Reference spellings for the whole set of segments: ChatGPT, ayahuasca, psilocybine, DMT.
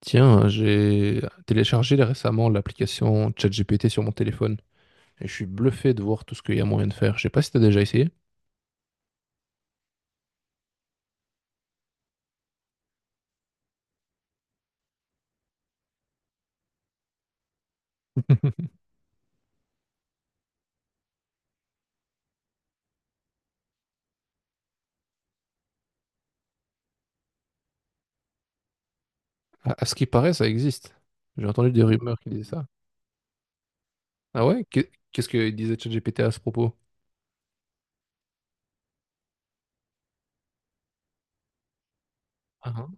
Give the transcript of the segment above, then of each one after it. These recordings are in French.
Tiens, j'ai téléchargé récemment l'application ChatGPT sur mon téléphone et je suis bluffé de voir tout ce qu'il y a moyen de faire. Je sais pas si t'as déjà essayé. À, à ce qui paraît, ça existe. J'ai entendu des rumeurs qui disaient ça. Ah ouais? Qu'est-ce que disait ChatGPT à ce propos? Ah, hein.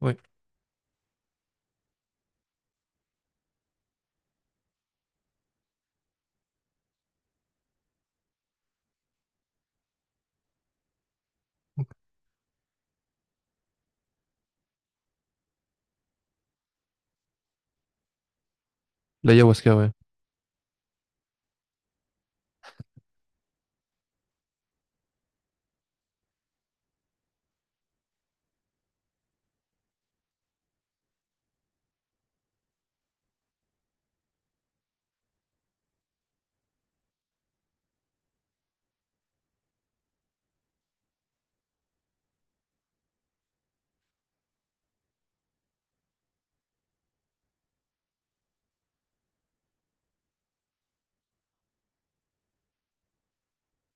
Ouais. L'ayahuasca, ouais.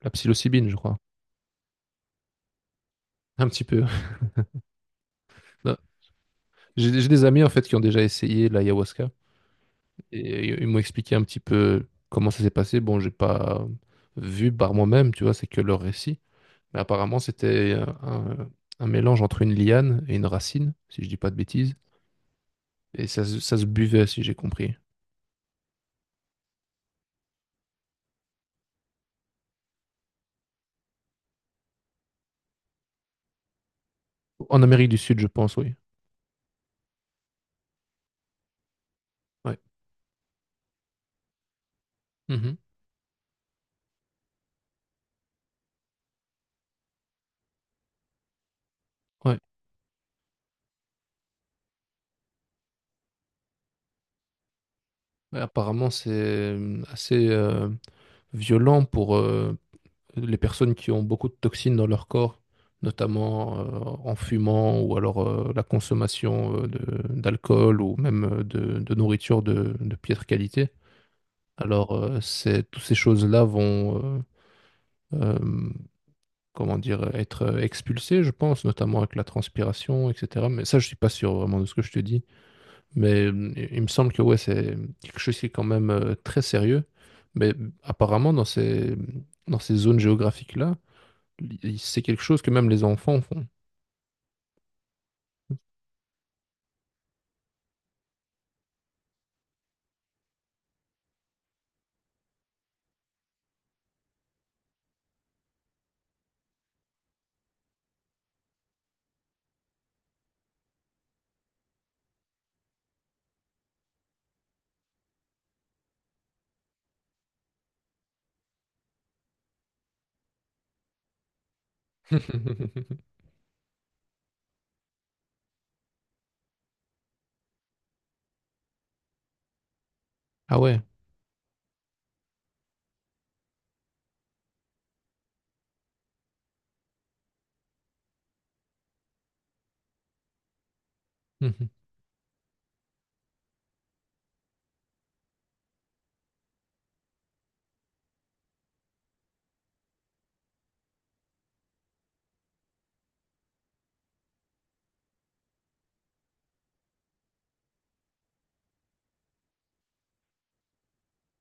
La psilocybine, je crois. Un petit peu. Non. J'ai des amis en fait qui ont déjà essayé l'ayahuasca et ils m'ont expliqué un petit peu comment ça s'est passé. Bon, j'ai pas vu par moi-même, tu vois, c'est que leur récit. Mais apparemment, c'était un, un mélange entre une liane et une racine, si je dis pas de bêtises. Et ça, ça se buvait, si j'ai compris. En Amérique du Sud, je pense, oui. Ouais. Mhm. Ouais. Mais apparemment, c'est assez violent pour les personnes qui ont beaucoup de toxines dans leur corps, notamment en fumant ou alors la consommation d'alcool ou même de nourriture de piètre qualité. Alors, c'est- toutes ces choses-là vont euh, euh, comment dire, être expulsé, je pense, notamment avec la transpiration, etc. Mais ça, je suis pas sûr vraiment de ce que je te dis. Mais il me semble que ouais, c'est quelque chose qui est quand même très sérieux. Mais apparemment, dans ces zones géographiques-là, c'est quelque chose que même les enfants font. Ah ouais. Mhm.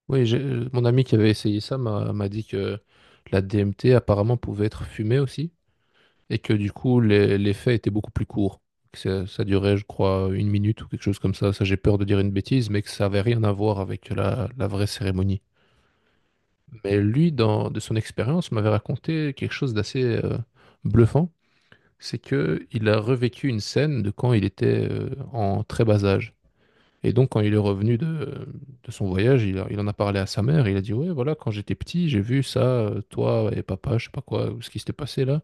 Oui, mon ami qui avait essayé ça m'a dit que la DMT apparemment pouvait être fumée aussi. Et que du coup les faits étaient beaucoup plus courts. Que ça durait, je crois, une minute ou quelque chose comme ça. Ça, j'ai peur de dire une bêtise, mais que ça avait rien à voir avec la, la vraie cérémonie. Mais lui, dans, de son expérience, m'avait raconté quelque chose d'assez bluffant. C'est que il a revécu une scène de quand il était en très bas âge. Et donc, quand il est revenu de son voyage, il, il en a parlé à sa mère. Il a dit, ouais, voilà, quand j'étais petit, j'ai vu ça, toi et papa, je sais pas quoi, ce qui s'était passé là.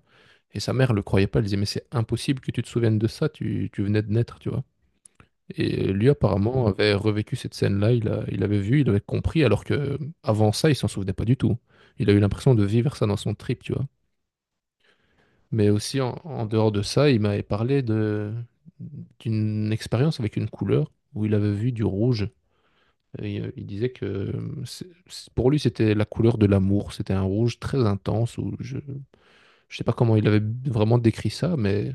Et sa mère le croyait pas, elle disait, mais c'est impossible que tu te souviennes de ça, tu venais de naître, tu vois. Et lui, apparemment, avait revécu cette scène-là, il avait vu, il avait compris, alors que avant ça, il s'en souvenait pas du tout. Il a eu l'impression de vivre ça dans son trip, tu vois. Mais aussi, en dehors de ça, il m'avait parlé de, d'une expérience avec une couleur où il avait vu du rouge. Et, il disait que pour lui, c'était la couleur de l'amour. C'était un rouge très intense. Où je ne sais pas comment il avait vraiment décrit ça, mais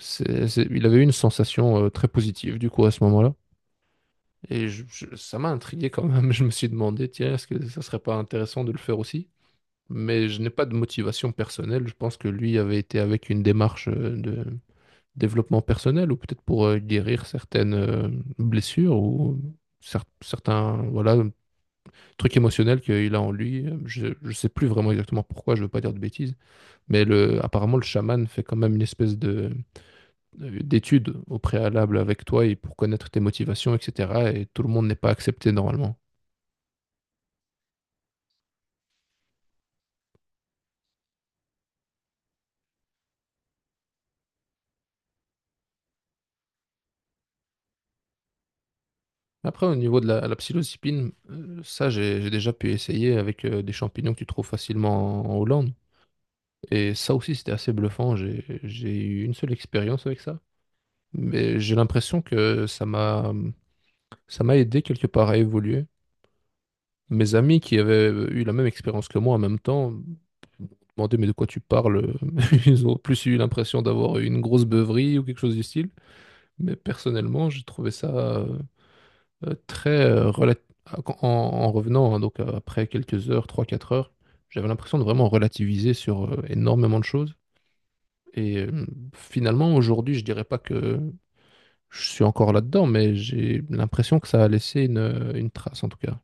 Il avait eu une sensation très positive du coup à ce moment-là. Et ça m'a intrigué quand même. Je me suis demandé, tiens, est-ce que ça serait pas intéressant de le faire aussi? Mais je n'ai pas de motivation personnelle. Je pense que lui avait été avec une démarche de développement personnel ou peut-être pour guérir certaines blessures ou certains voilà trucs émotionnels qu'il a en lui. Je ne sais plus vraiment exactement pourquoi. Je ne veux pas dire de bêtises. Mais le, apparemment, le chaman fait quand même une espèce de d'études au préalable avec toi et pour connaître tes motivations, etc. Et tout le monde n'est pas accepté normalement. Après, au niveau de la, la psilocybine, ça, j'ai déjà pu essayer avec des champignons que tu trouves facilement en Hollande. Et ça aussi, c'était assez bluffant. J'ai eu une seule expérience avec ça. Mais j'ai l'impression que ça m'a aidé quelque part à évoluer. Mes amis qui avaient eu la même expérience que moi en même temps m'ont demandé, mais de quoi tu parles? Ils ont plus eu l'impression d'avoir eu une grosse beuverie ou quelque chose du style. Mais personnellement, j'ai trouvé ça très en revenant, hein, donc après quelques heures, trois quatre heures, j'avais l'impression de vraiment relativiser sur énormément de choses. Et finalement, aujourd'hui, je dirais pas que je suis encore là-dedans, mais j'ai l'impression que ça a laissé une trace en tout cas.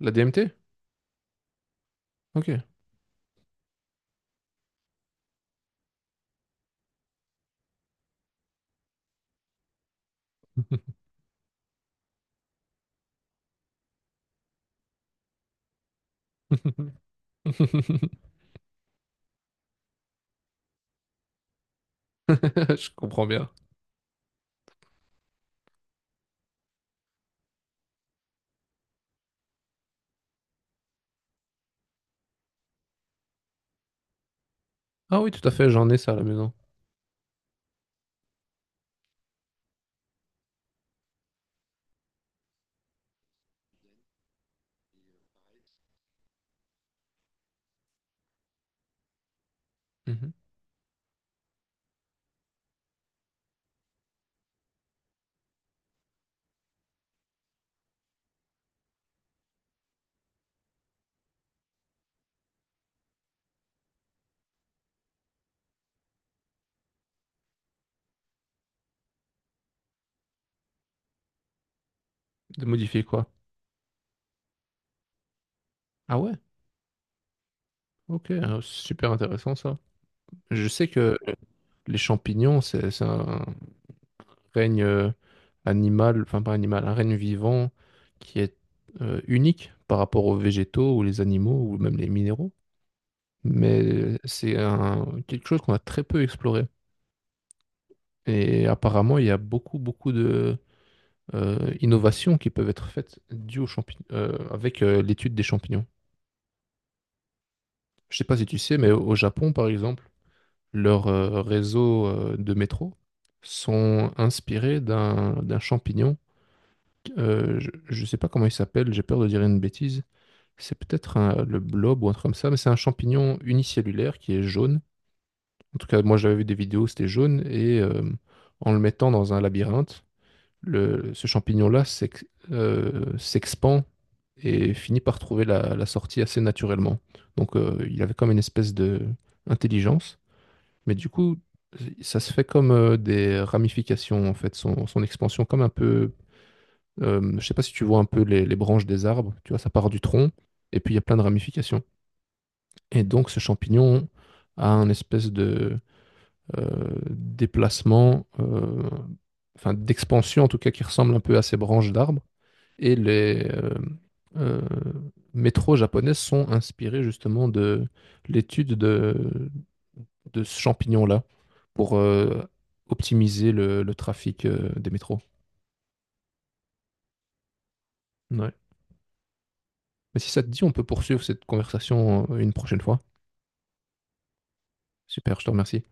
La DMT? Ok. Je comprends bien. Ah oui, tout à fait, j'en ai ça à la maison. Mhm. De modifier quoi? Ah ouais? Ok, super intéressant ça. Je sais que les champignons, c'est un règne animal, enfin pas animal, un règne vivant qui est unique par rapport aux végétaux ou les animaux ou même les minéraux. Mais c'est un, quelque chose qu'on a très peu exploré. Et apparemment, il y a beaucoup, beaucoup de innovations qui peuvent être faites dues aux avec l'étude des champignons. Je sais pas si tu sais, mais au Japon, par exemple, leurs réseaux de métro sont inspirés d'un champignon. Euh, je ne sais pas comment il s'appelle, j'ai peur de dire une bêtise. C'est peut-être le blob ou un truc comme ça, mais c'est un champignon unicellulaire qui est jaune. En tout cas, moi j'avais vu des vidéos, c'était jaune, et en le mettant dans un labyrinthe, ce champignon-là s'expand et finit par trouver la, la sortie assez naturellement. Donc il avait comme une espèce de intelligence, mais du coup, ça se fait comme des ramifications, en fait, son expansion, comme un peu je ne sais pas si tu vois un peu les branches des arbres, tu vois, ça part du tronc, et puis il y a plein de ramifications. Et donc ce champignon a un espèce de déplacement, enfin d'expansion en tout cas, qui ressemble un peu à ces branches d'arbres. Et les euh, métros japonaises sont inspirés justement de l'étude de ce champignon-là pour optimiser le trafic des métros. Ouais. Mais si ça te dit, on peut poursuivre cette conversation une prochaine fois. Super, je te remercie.